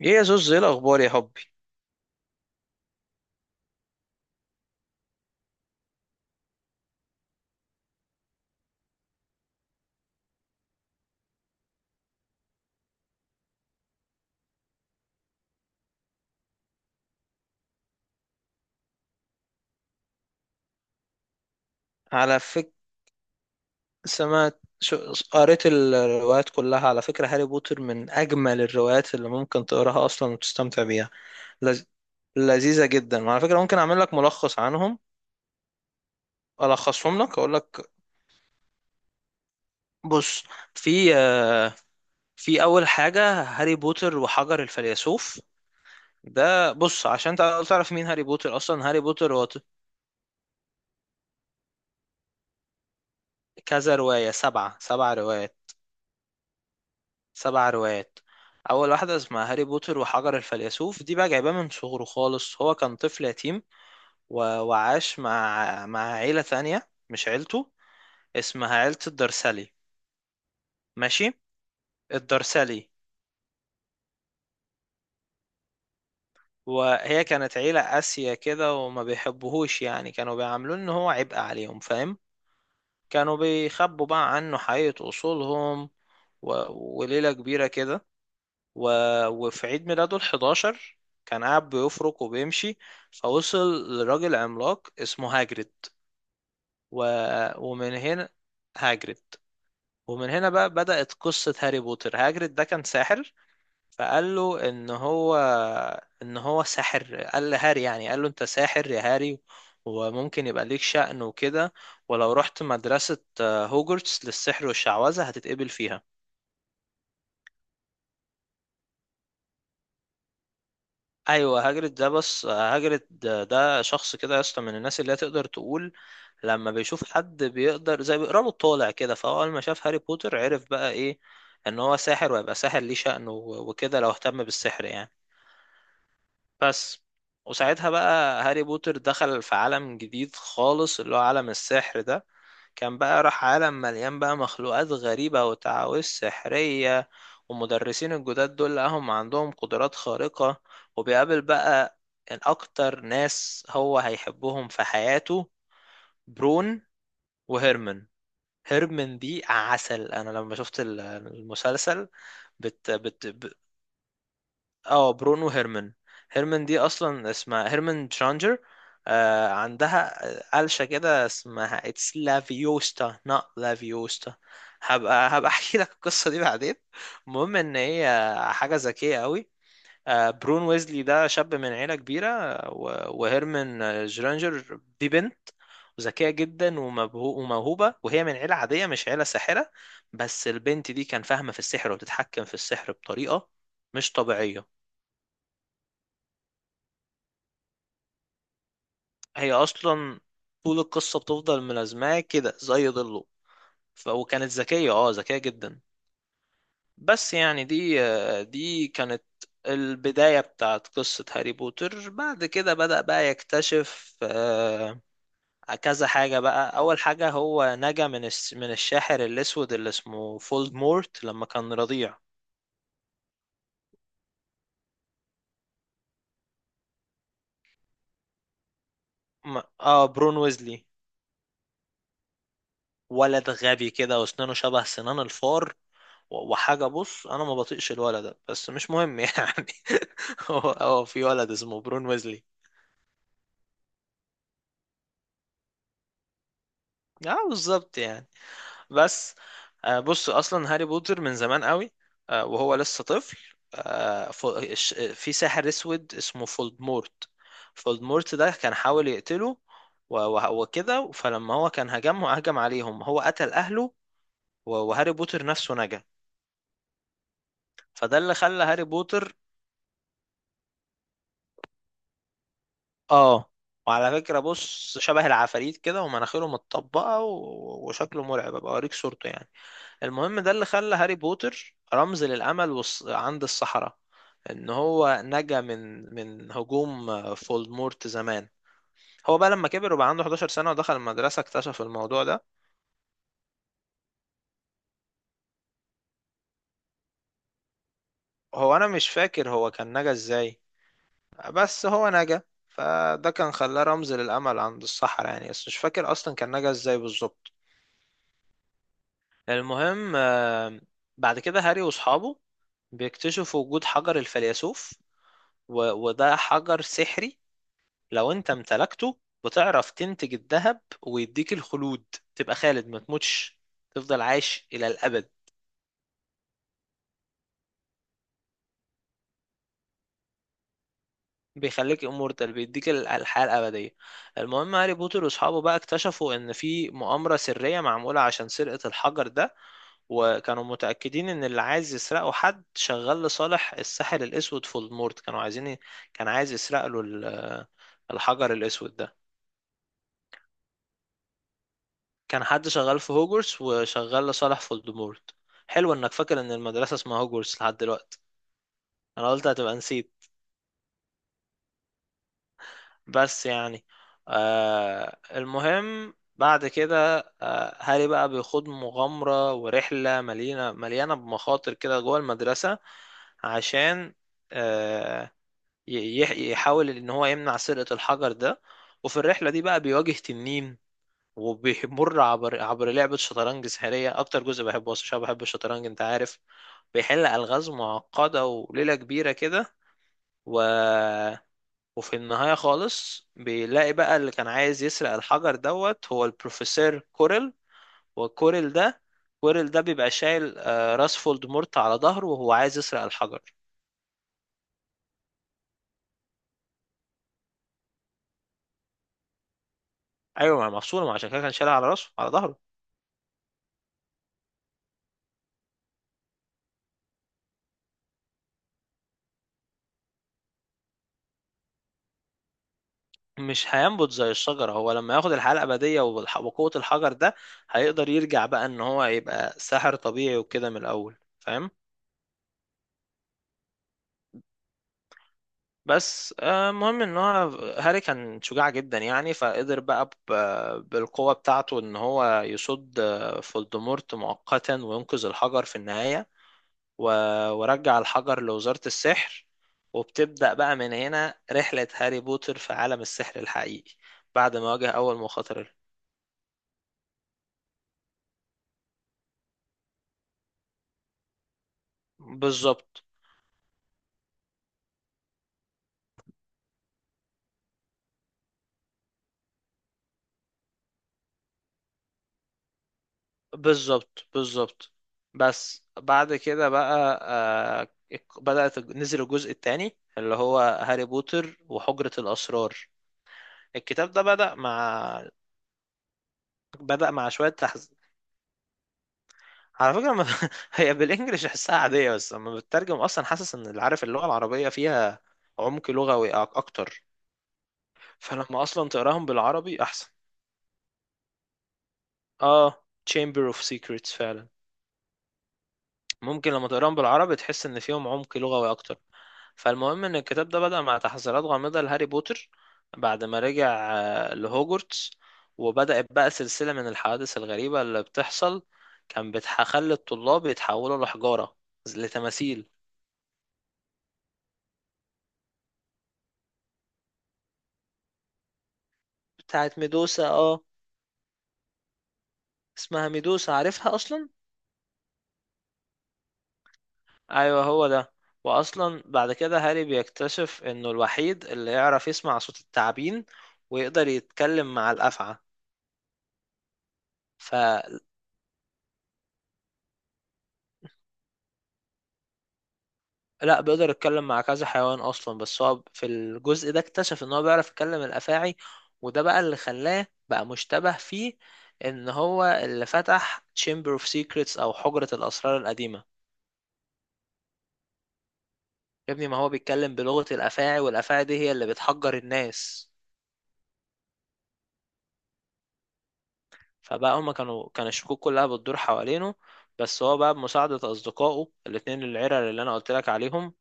ايه يا زوز، ايه الاخبار يا حبي؟ على فكرة سمعت شو... قريت الروايات كلها، على فكرة هاري بوتر من اجمل الروايات اللي ممكن تقراها اصلا وتستمتع بيها. لز... لذيذة جدا، وعلى فكرة ممكن اعمل لك ملخص عنهم، الخصهم لك، اقول لك. بص، في في اول حاجة هاري بوتر وحجر الفيلسوف، ده بص عشان تعرف مين هاري بوتر اصلا. هاري بوتر هو كذا رواية سبع روايات، سبع روايات اول واحده اسمها هاري بوتر وحجر الفيلسوف. دي بقى جايباه من صغره خالص، هو كان طفل يتيم. وعاش مع عيله ثانيه مش عيلته، اسمها عيله الدرسالي. ماشي، الدرسالي. وهي كانت عيله قاسيه كده وما بيحبوهوش، يعني كانوا بيعاملوه ان هو عبء عليهم، فاهم. كانوا بيخبوا بقى عنه حقيقه اصولهم. و... وليله كبيره كده. و... وفي عيد ميلاده ال11 كان قاعد بيفرك وبيمشي، فوصل لراجل عملاق اسمه هاجريد. و... ومن هنا هاجريد، ومن هنا بقى بدأت قصة هاري بوتر. هاجريد ده كان ساحر، فقال له ان هو ساحر، قال لهاري يعني، قال له انت ساحر يا هاري وممكن يبقى ليك شأن وكده، ولو رحت مدرسة هوجورتس للسحر والشعوذة هتتقبل فيها. ايوه، هاجرد ده شخص كده يا اسطى، من الناس اللي هي تقدر تقول لما بيشوف حد بيقدر، زي بيقرا له الطالع كده. فهو اول ما شاف هاري بوتر عرف بقى ايه، ان هو ساحر ويبقى ساحر ليه شأن وكده لو اهتم بالسحر يعني. بس، وساعتها بقى هاري بوتر دخل في عالم جديد خالص اللي هو عالم السحر ده، كان بقى راح عالم مليان بقى مخلوقات غريبة وتعاويذ سحرية، ومدرسين الجداد دول لقاهم عندهم قدرات خارقة. وبيقابل بقى إن أكتر ناس هو هيحبهم في حياته، برون وهيرمن. هيرمن دي عسل، أنا لما شفت المسلسل، بت بت اه برونو هيرمان. هيرمان دي اصلا اسمها هيرمان ترانجر، آه عندها قلشة كده اسمها اتس لافيوستا not لافيوستا، هبقى احكي لك القصة دي بعدين. المهم ان هي حاجة ذكية قوي. آه برون ويزلي ده شاب من عيلة كبيرة، وهيرمان جرانجر دي بنت ذكية جدا وموهوبة، وهي من عيلة عادية مش عيلة ساحرة. بس البنت دي كان فاهمة في السحر وتتحكم في السحر بطريقة مش طبيعية. هي اصلا طول القصه بتفضل ملازماه كده زي ظله. وكانت ذكيه، اه ذكيه جدا. بس يعني دي كانت البدايه بتاعت قصه هاري بوتر. بعد كده بدأ بقى يكتشف كذا حاجه بقى، اول حاجه هو نجا من الشاحر الاسود اللي اسمه فولدمورت لما كان رضيع. اه برون ويزلي ولد غبي كده واسنانه شبه سنان الفار، وحاجة، بص أنا ما بطيقش الولد ده بس مش مهم يعني. هو في ولد اسمه برون ويزلي. اه بالظبط يعني. بس بص أصلا هاري بوتر من زمان قوي، وهو لسه طفل، في ساحر أسود اسمه فولدمورت. فولدمورت ده كان حاول يقتله وكده، فلما هو كان هجم عليهم هو قتل أهله، وهاري بوتر نفسه نجا. فده اللي خلى هاري بوتر، اه وعلى فكرة، بص شبه العفاريت كده ومناخيره متطبقة وشكله مرعب، ابقى اوريك صورته يعني. المهم ده اللي خلى هاري بوتر رمز للأمل عند السحرة، ان هو نجا من هجوم فولدمورت زمان. هو بقى لما كبر وبقى عنده 11 سنة ودخل المدرسة اكتشف الموضوع ده. هو انا مش فاكر هو كان نجا ازاي، بس هو نجا. فده كان خلاه رمز للأمل عند السحرة يعني، بس مش فاكر اصلا كان نجا ازاي بالظبط. المهم بعد كده هاري واصحابه بيكتشفوا وجود حجر الفيلسوف، وده حجر سحري، لو انت امتلكته بتعرف تنتج الذهب ويديك الخلود، تبقى خالد ما تموتش، تفضل عايش الى الابد. بيخليك امورتال، بيديك الحياة الابدية. المهم هاري بوتر واصحابه بقى اكتشفوا ان في مؤامرة سرية معمولة عشان سرقة الحجر ده، وكانوا متأكدين ان اللي عايز يسرقه حد شغال لصالح الساحر الاسود. في المورد كانوا عايزين كان عايز يسرق له الحجر الاسود ده. كان حد شغال في هوجورس وشغال لصالح فولدمورت. حلو انك فاكر ان المدرسة اسمها هوجورس لحد دلوقتي، انا قلت هتبقى نسيت. بس يعني، آه المهم بعد كده آه هاري بقى بيخوض مغامرة ورحلة مليانة مليانة بمخاطر كده جوه المدرسة عشان آه، يحاول ان هو يمنع سرقة الحجر ده. وفي الرحلة دي بقى بيواجه تنين وبيمر عبر لعبة شطرنج سحرية، أكتر جزء بحبه أصلا عشان بحب الشطرنج أنت عارف. بيحل ألغاز معقدة وليلة كبيرة كده. و... وفي النهاية خالص بيلاقي بقى اللي كان عايز يسرق الحجر دوت، هو البروفيسور كوريل. وكوريل ده كوريل ده بيبقى شايل راس فولدمورت على ظهره، وهو عايز يسرق الحجر. أيوة، ما هي مفصولة، ما عشان كده كان شايلها على راسه على ظهره. مش هينبت زي الشجرة، هو لما ياخد الحياة الأبدية وقوة الحجر ده هيقدر يرجع بقى إن هو يبقى ساحر طبيعي وكده من الأول، فاهم. بس المهم إن هو هاري كان شجاع جدا يعني، فقدر بقى بالقوة بتاعته إن هو يصد فولدمورت مؤقتا وينقذ الحجر في النهاية، ورجع الحجر لوزارة السحر. وبتبدأ بقى من هنا رحلة هاري بوتر في عالم السحر الحقيقي بعد ما واجه أول مخاطر. بالظبط، بالظبط، بالظبط. بس بعد كده بقى بدأت نزل الجزء الثاني اللي هو هاري بوتر وحجرة الأسرار. الكتاب ده بدأ مع على فكرة ما... هي بالإنجلش أحسها عادية، بس لما بتترجم أصلا حاسس إن اللي عارف اللغة العربية فيها عمق لغوي أكتر. فلما أصلا تقراهم بالعربي أحسن. آه Chamber of Secrets فعلا. ممكن لما تقراهم بالعربي تحس ان فيهم عمق لغوي اكتر. فالمهم ان الكتاب ده بدأ مع تحذيرات غامضة لهاري بوتر بعد ما رجع لهوجورتس، وبدأت بقى سلسلة من الحوادث الغريبة اللي بتحصل، كان بتخلي الطلاب يتحولوا لحجارة، لتماثيل بتاعت ميدوسا. اه اسمها ميدوسا عارفها اصلا. ايوه هو ده. واصلا بعد كده هاري بيكتشف انه الوحيد اللي يعرف يسمع صوت التعابين ويقدر يتكلم مع الافعى. ف، لا بيقدر يتكلم مع كذا حيوان اصلا بس هو في الجزء ده اكتشف ان هو بيعرف يتكلم الافاعي، وده بقى اللي خلاه بقى مشتبه فيه، ان هو اللي فتح Chamber of Secrets او حجرة الاسرار القديمة. يا ابني ما هو بيتكلم بلغة الافاعي والافاعي دي هي اللي بتحجر الناس. فبقى هما كانوا كان الشكوك كلها بتدور حوالينه. بس هو بقى بمساعدة أصدقائه الاتنين العرق اللي أنا قلت لك عليهم،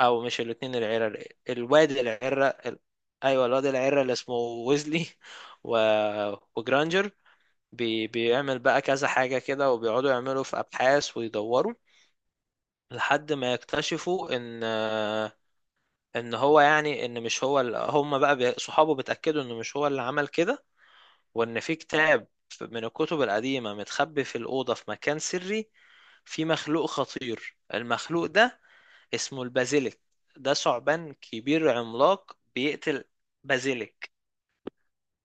او مش الاتنين العيرة الواد العيرة ايوه الواد العيرة اللي اسمه ويزلي و... وجرانجر. بيعمل بقى كذا حاجة كده وبيقعدوا يعملوا في ابحاث ويدوروا لحد ما يكتشفوا ان، ان هو يعني، ان مش هو هم بقى صحابه بيتأكدوا انه مش هو اللي عمل كده، وان في كتاب من الكتب القديمة متخبي في الأوضة في مكان سري، في مخلوق خطير، المخلوق ده اسمه البازيليك، ده ثعبان كبير عملاق بيقتل. بازيليك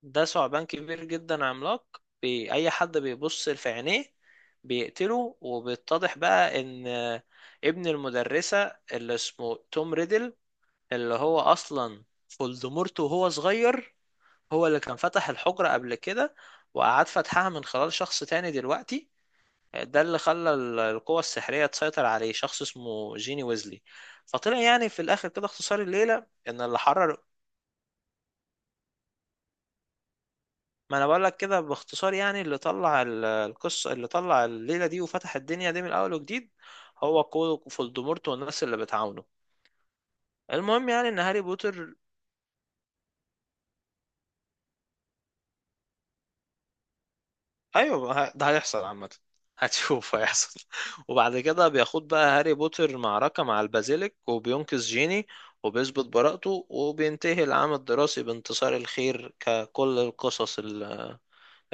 ده ثعبان كبير جدا عملاق اي حد بيبص في عينيه بيقتله. وبيتضح بقى ان ابن المدرسة اللي اسمه توم ريدل، اللي هو اصلا فولدمورت وهو صغير، هو اللي كان فتح الحجرة قبل كده، وقعد فتحها من خلال شخص تاني دلوقتي. ده اللي خلى القوة السحرية تسيطر عليه، شخص اسمه جيني ويزلي. فطلع يعني في الآخر كده، اختصار الليلة إن اللي حرر، ما أنا بقول لك كده باختصار يعني، اللي طلع القصة اللي طلع الليلة دي وفتح الدنيا دي من أول وجديد، هو كولو فولدمورت والناس اللي بتعاونه. المهم يعني إن هاري بوتر، ايوه ما ه- ده هيحصل عامه، هتشوف هيحصل وبعد كده بياخد بقى هاري بوتر معركة مع البازيليك وبينقذ جيني وبيثبت براءته، وبينتهي العام الدراسي بانتصار الخير ككل القصص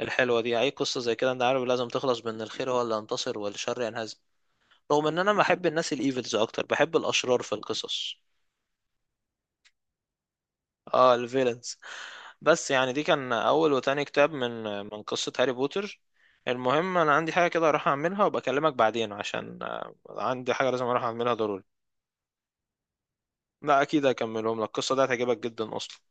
الحلوة دي. أي قصة زي كده أنت عارف لازم تخلص بأن الخير هو اللي ينتصر والشر ينهزم. رغم إن أنا بحب الناس الإيفلز أكتر، بحب الأشرار في القصص. اه الفيلنز. بس يعني دي كان اول وتاني كتاب من قصة هاري بوتر. المهم انا عندي حاجة كده اروح اعملها وبكلمك بعدين، عشان عندي حاجة لازم اروح اعملها ضروري. لا اكيد هكملهم لك، القصة دي هتعجبك جدا اصلا.